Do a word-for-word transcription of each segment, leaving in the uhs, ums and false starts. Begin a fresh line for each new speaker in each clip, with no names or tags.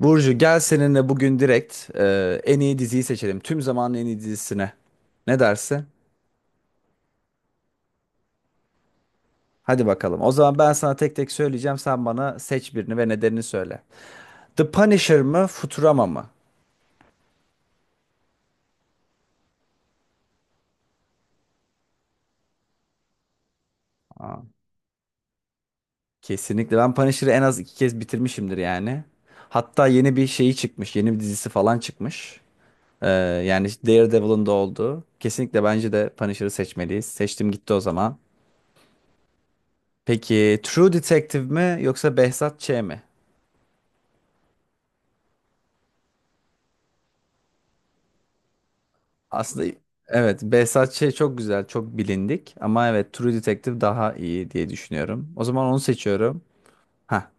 Burcu gel seninle bugün direkt e, en iyi diziyi seçelim. Tüm zamanın en iyi dizisine. Ne dersin? Hadi bakalım. O zaman ben sana tek tek söyleyeceğim. Sen bana seç birini ve nedenini söyle. The Punisher mı, Futurama mı? Aa, kesinlikle. Ben Punisher'ı en az iki kez bitirmişimdir yani. Hatta yeni bir şeyi çıkmış. Yeni bir dizisi falan çıkmış. Ee, Yani Daredevil'ın da olduğu. Kesinlikle bence de Punisher'ı seçmeliyiz. Seçtim gitti o zaman. Peki True Detective mi yoksa Behzat Ç. mi? Aslında evet, Behzat Ç. çok güzel, çok bilindik ama evet, True Detective daha iyi diye düşünüyorum. O zaman onu seçiyorum. Ha,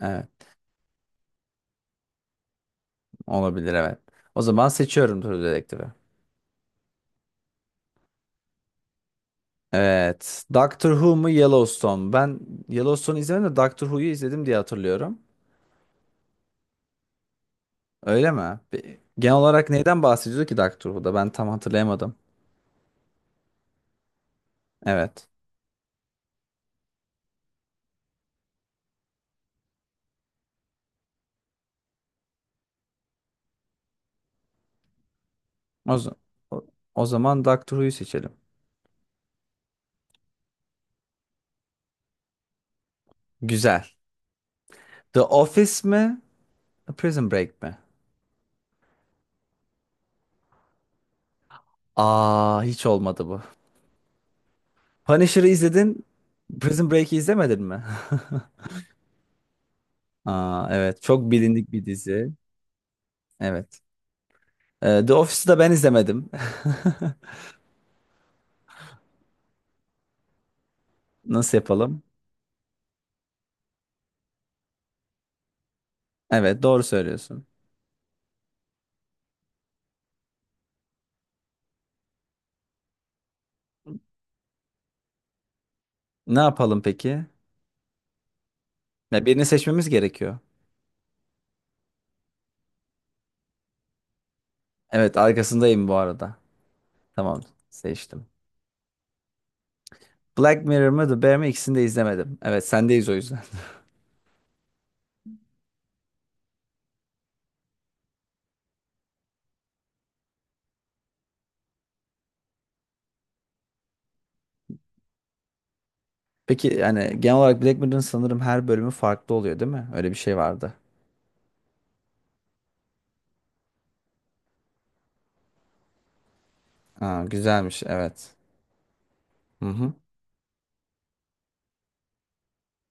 evet, olabilir evet. O zaman seçiyorum True Detective'i. Evet. Doctor Who mu Yellowstone mu? Ben Yellowstone'u izlemedim de Doctor Who'yu izledim diye hatırlıyorum. Öyle mi? Be- Genel olarak neyden bahsediyordu ki Doctor Who'da? Ben tam hatırlayamadım. Evet. O, z- o, o zaman Doctor Who'yu seçelim. Güzel. The Office mi? Prison Break mi? Aa, hiç olmadı bu. Punisher'ı izledin, Prison Break'i izlemedin mi? Aa, evet, çok bilindik bir dizi. Evet. Ee, The Office'ı da ben izlemedim. Nasıl yapalım? Evet, doğru söylüyorsun. Ne yapalım peki? Ya birini seçmemiz gerekiyor. Evet, arkasındayım bu arada. Tamam, seçtim. Black Mirror mı, The Bear mi? İkisini de izlemedim. Evet, sendeyiz o yüzden. Peki yani genel olarak Black Mirror'ın sanırım her bölümü farklı oluyor, değil mi? Öyle bir şey vardı. Aa, güzelmiş, evet. Hı hı.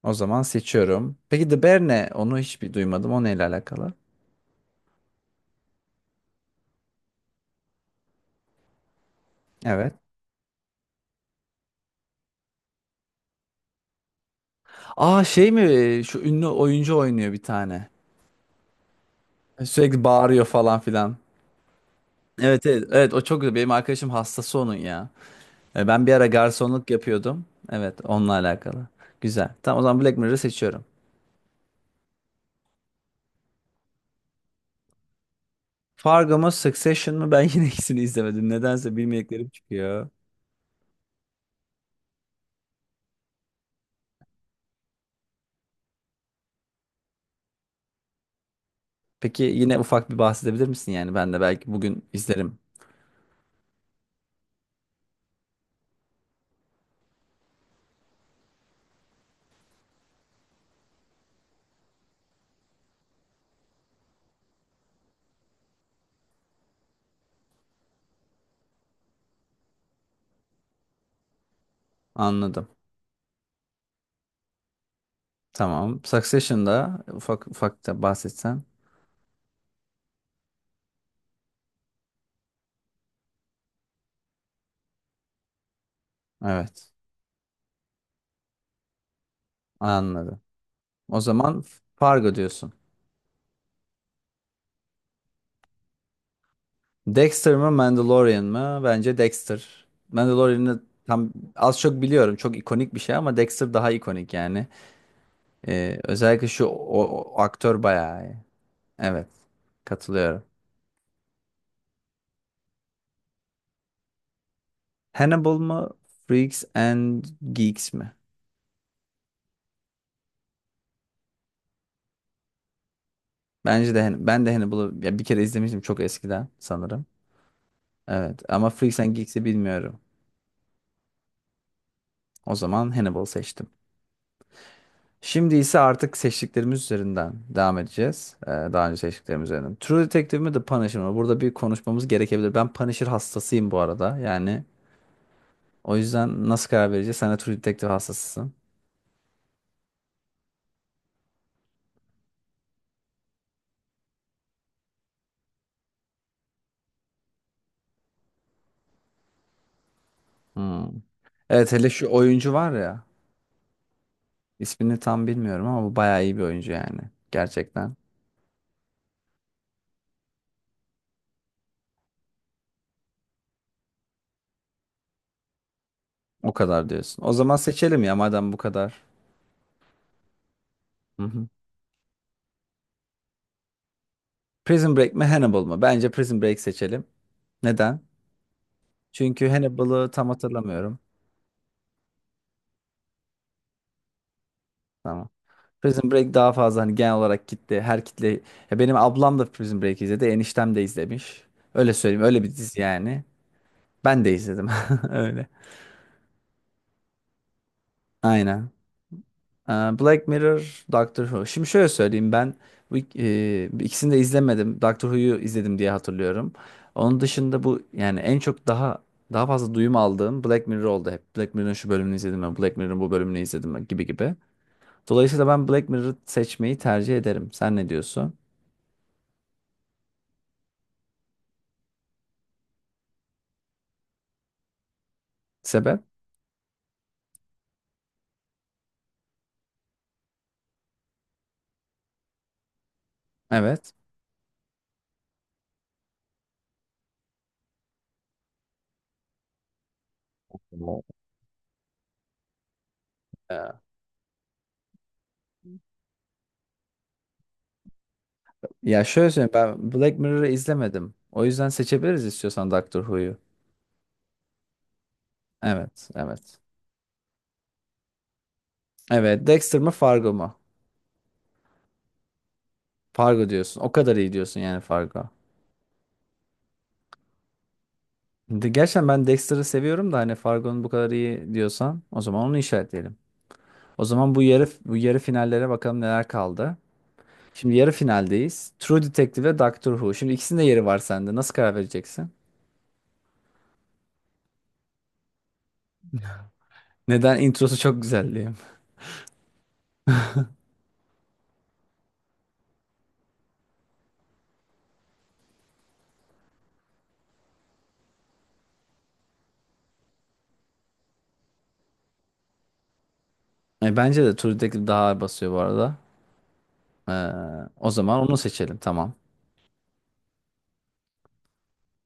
O zaman seçiyorum. Peki The Bear ne? Onu hiç bir duymadım. O neyle alakalı? Evet. Aa, şey mi? Şu ünlü oyuncu oynuyor bir tane. Sürekli bağırıyor falan filan. Evet, evet. Evet o çok güzel. Benim arkadaşım hastası onun ya. E, ben bir ara garsonluk yapıyordum. Evet onunla alakalı. Güzel. Tamam, o zaman Black Mirror'ı seçiyorum. Fargo mu Succession mı? Ben yine ikisini izlemedim. Nedense bilmediklerim çıkıyor. Peki yine ufak bir bahsedebilir misin yani? Ben de belki bugün izlerim. Anladım. Tamam. Succession'da ufak ufak da bahsetsen. Evet. Anladım. O zaman Fargo diyorsun. Dexter mı Mandalorian mı? Bence Dexter. Mandalorian'ı tam az çok biliyorum. Çok ikonik bir şey ama Dexter daha ikonik yani. Ee, özellikle şu o, o aktör bayağı iyi. Evet. Katılıyorum. Hannibal mı? Freaks and Geeks mi? Bence de Han- ben de Hannibal'ı ya bir kere izlemiştim çok eskiden sanırım. Evet ama Freaks and Geeks'i bilmiyorum. O zaman Hannibal seçtim. Şimdi ise artık seçtiklerimiz üzerinden devam edeceğiz. Ee, daha önce seçtiklerimiz üzerinden. True Detective mi The Punisher mı? Burada bir konuşmamız gerekebilir. Ben Punisher hastasıyım bu arada. Yani o yüzden nasıl karar vereceğiz? Sen de True Detective hastasısın. Hmm. Evet, hele şu oyuncu var ya. İsmini tam bilmiyorum ama bu bayağı iyi bir oyuncu yani. Gerçekten. O kadar diyorsun. O zaman seçelim ya madem bu kadar. Hı hı. Prison Break mi Hannibal mı? Bence Prison Break seçelim. Neden? Çünkü Hannibal'ı tam hatırlamıyorum. Tamam. Prison Break daha fazla hani genel olarak kitle, her kitle, ya benim ablam da Prison Break izledi, eniştem de izlemiş, öyle söyleyeyim, öyle bir dizi yani. Ben de izledim öyle, aynen. Ee, Black Mirror, Doctor Who, şimdi şöyle söyleyeyim ben bu ik- e, ikisini de izlemedim, Doctor Who'yu izledim diye hatırlıyorum. Onun dışında bu yani en çok daha daha fazla duyum aldığım Black Mirror oldu. Hep Black Mirror'ın şu bölümünü izledim ben, Black Mirror'ın bu bölümünü izledim ben gibi gibi. Dolayısıyla ben Black Mirror'ı seçmeyi tercih ederim, sen ne diyorsun sebep? Evet. Wow. Ya, ya şöyle söyleyeyim, ben Black Mirror'ı izlemedim. O yüzden seçebiliriz istiyorsan Doctor Who'yu. Evet, evet. Evet, Dexter mı Fargo mu? Fargo diyorsun. O kadar iyi diyorsun yani Fargo. De- Gerçekten ben Dexter'ı seviyorum da hani Fargo'nun bu kadar iyi diyorsan o zaman onu işaretleyelim. O zaman bu yarı bu yarı finallere bakalım, neler kaldı. Şimdi yarı finaldeyiz. True Detective ve Doctor Who. Şimdi ikisinin de yeri var sende. Nasıl karar vereceksin? Neden, introsu çok güzel diyeyim. E, bence de True Detective daha ağır basıyor bu arada. Ee, O zaman onu seçelim, tamam.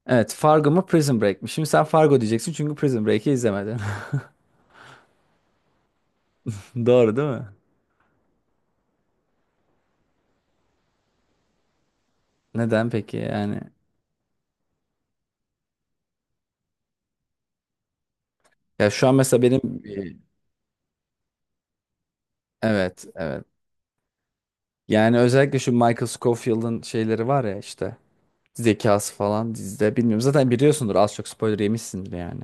Evet, Fargo mu Prison Break mi? Şimdi sen Fargo diyeceksin çünkü Prison Break'i izlemedin. Doğru değil mi? Neden peki yani? Ya şu an mesela benim evet, evet. Yani özellikle şu Michael Scofield'ın şeyleri var ya işte, zekası falan dizide, bilmiyorum. Zaten biliyorsundur az çok, spoiler yemişsindir yani.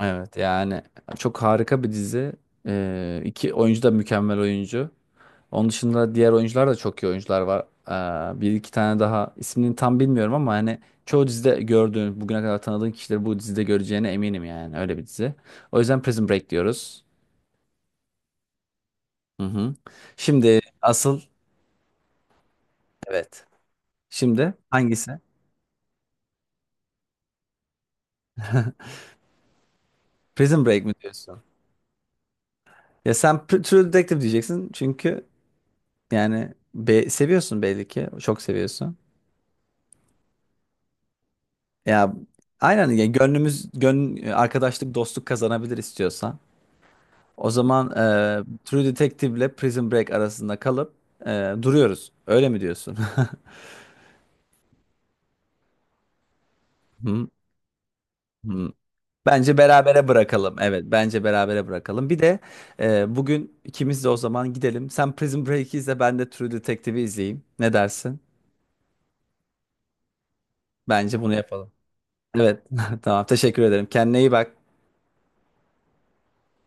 Evet yani çok harika bir dizi. Ee, iki oyuncu da mükemmel oyuncu. Onun dışında diğer oyuncular da çok iyi oyuncular var. Ee, bir iki tane daha ismini tam bilmiyorum ama hani çoğu dizide gördüğün, bugüne kadar tanıdığın kişileri bu dizide göreceğine eminim yani. Öyle bir dizi. O yüzden Prison Break diyoruz. Hı hı. Şimdi asıl evet. Şimdi hangisi? Prison Break mi diyorsun? Ya sen Pr- True Detective diyeceksin çünkü yani be- seviyorsun belli ki. Çok seviyorsun. Ya aynen ya, gönlümüz gön arkadaşlık, dostluk kazanabilir istiyorsan. O zaman e, True Detective ile Prison Break arasında kalıp e, duruyoruz. Öyle mi diyorsun? Hı, hı. Bence berabere bırakalım. Evet, bence berabere bırakalım. Bir de e, bugün ikimiz de o zaman gidelim. Sen Prison Break'i izle, ben de True Detective'i izleyeyim. Ne dersin? Bence bunu yapalım. Evet, tamam. Teşekkür ederim. Kendine iyi bak.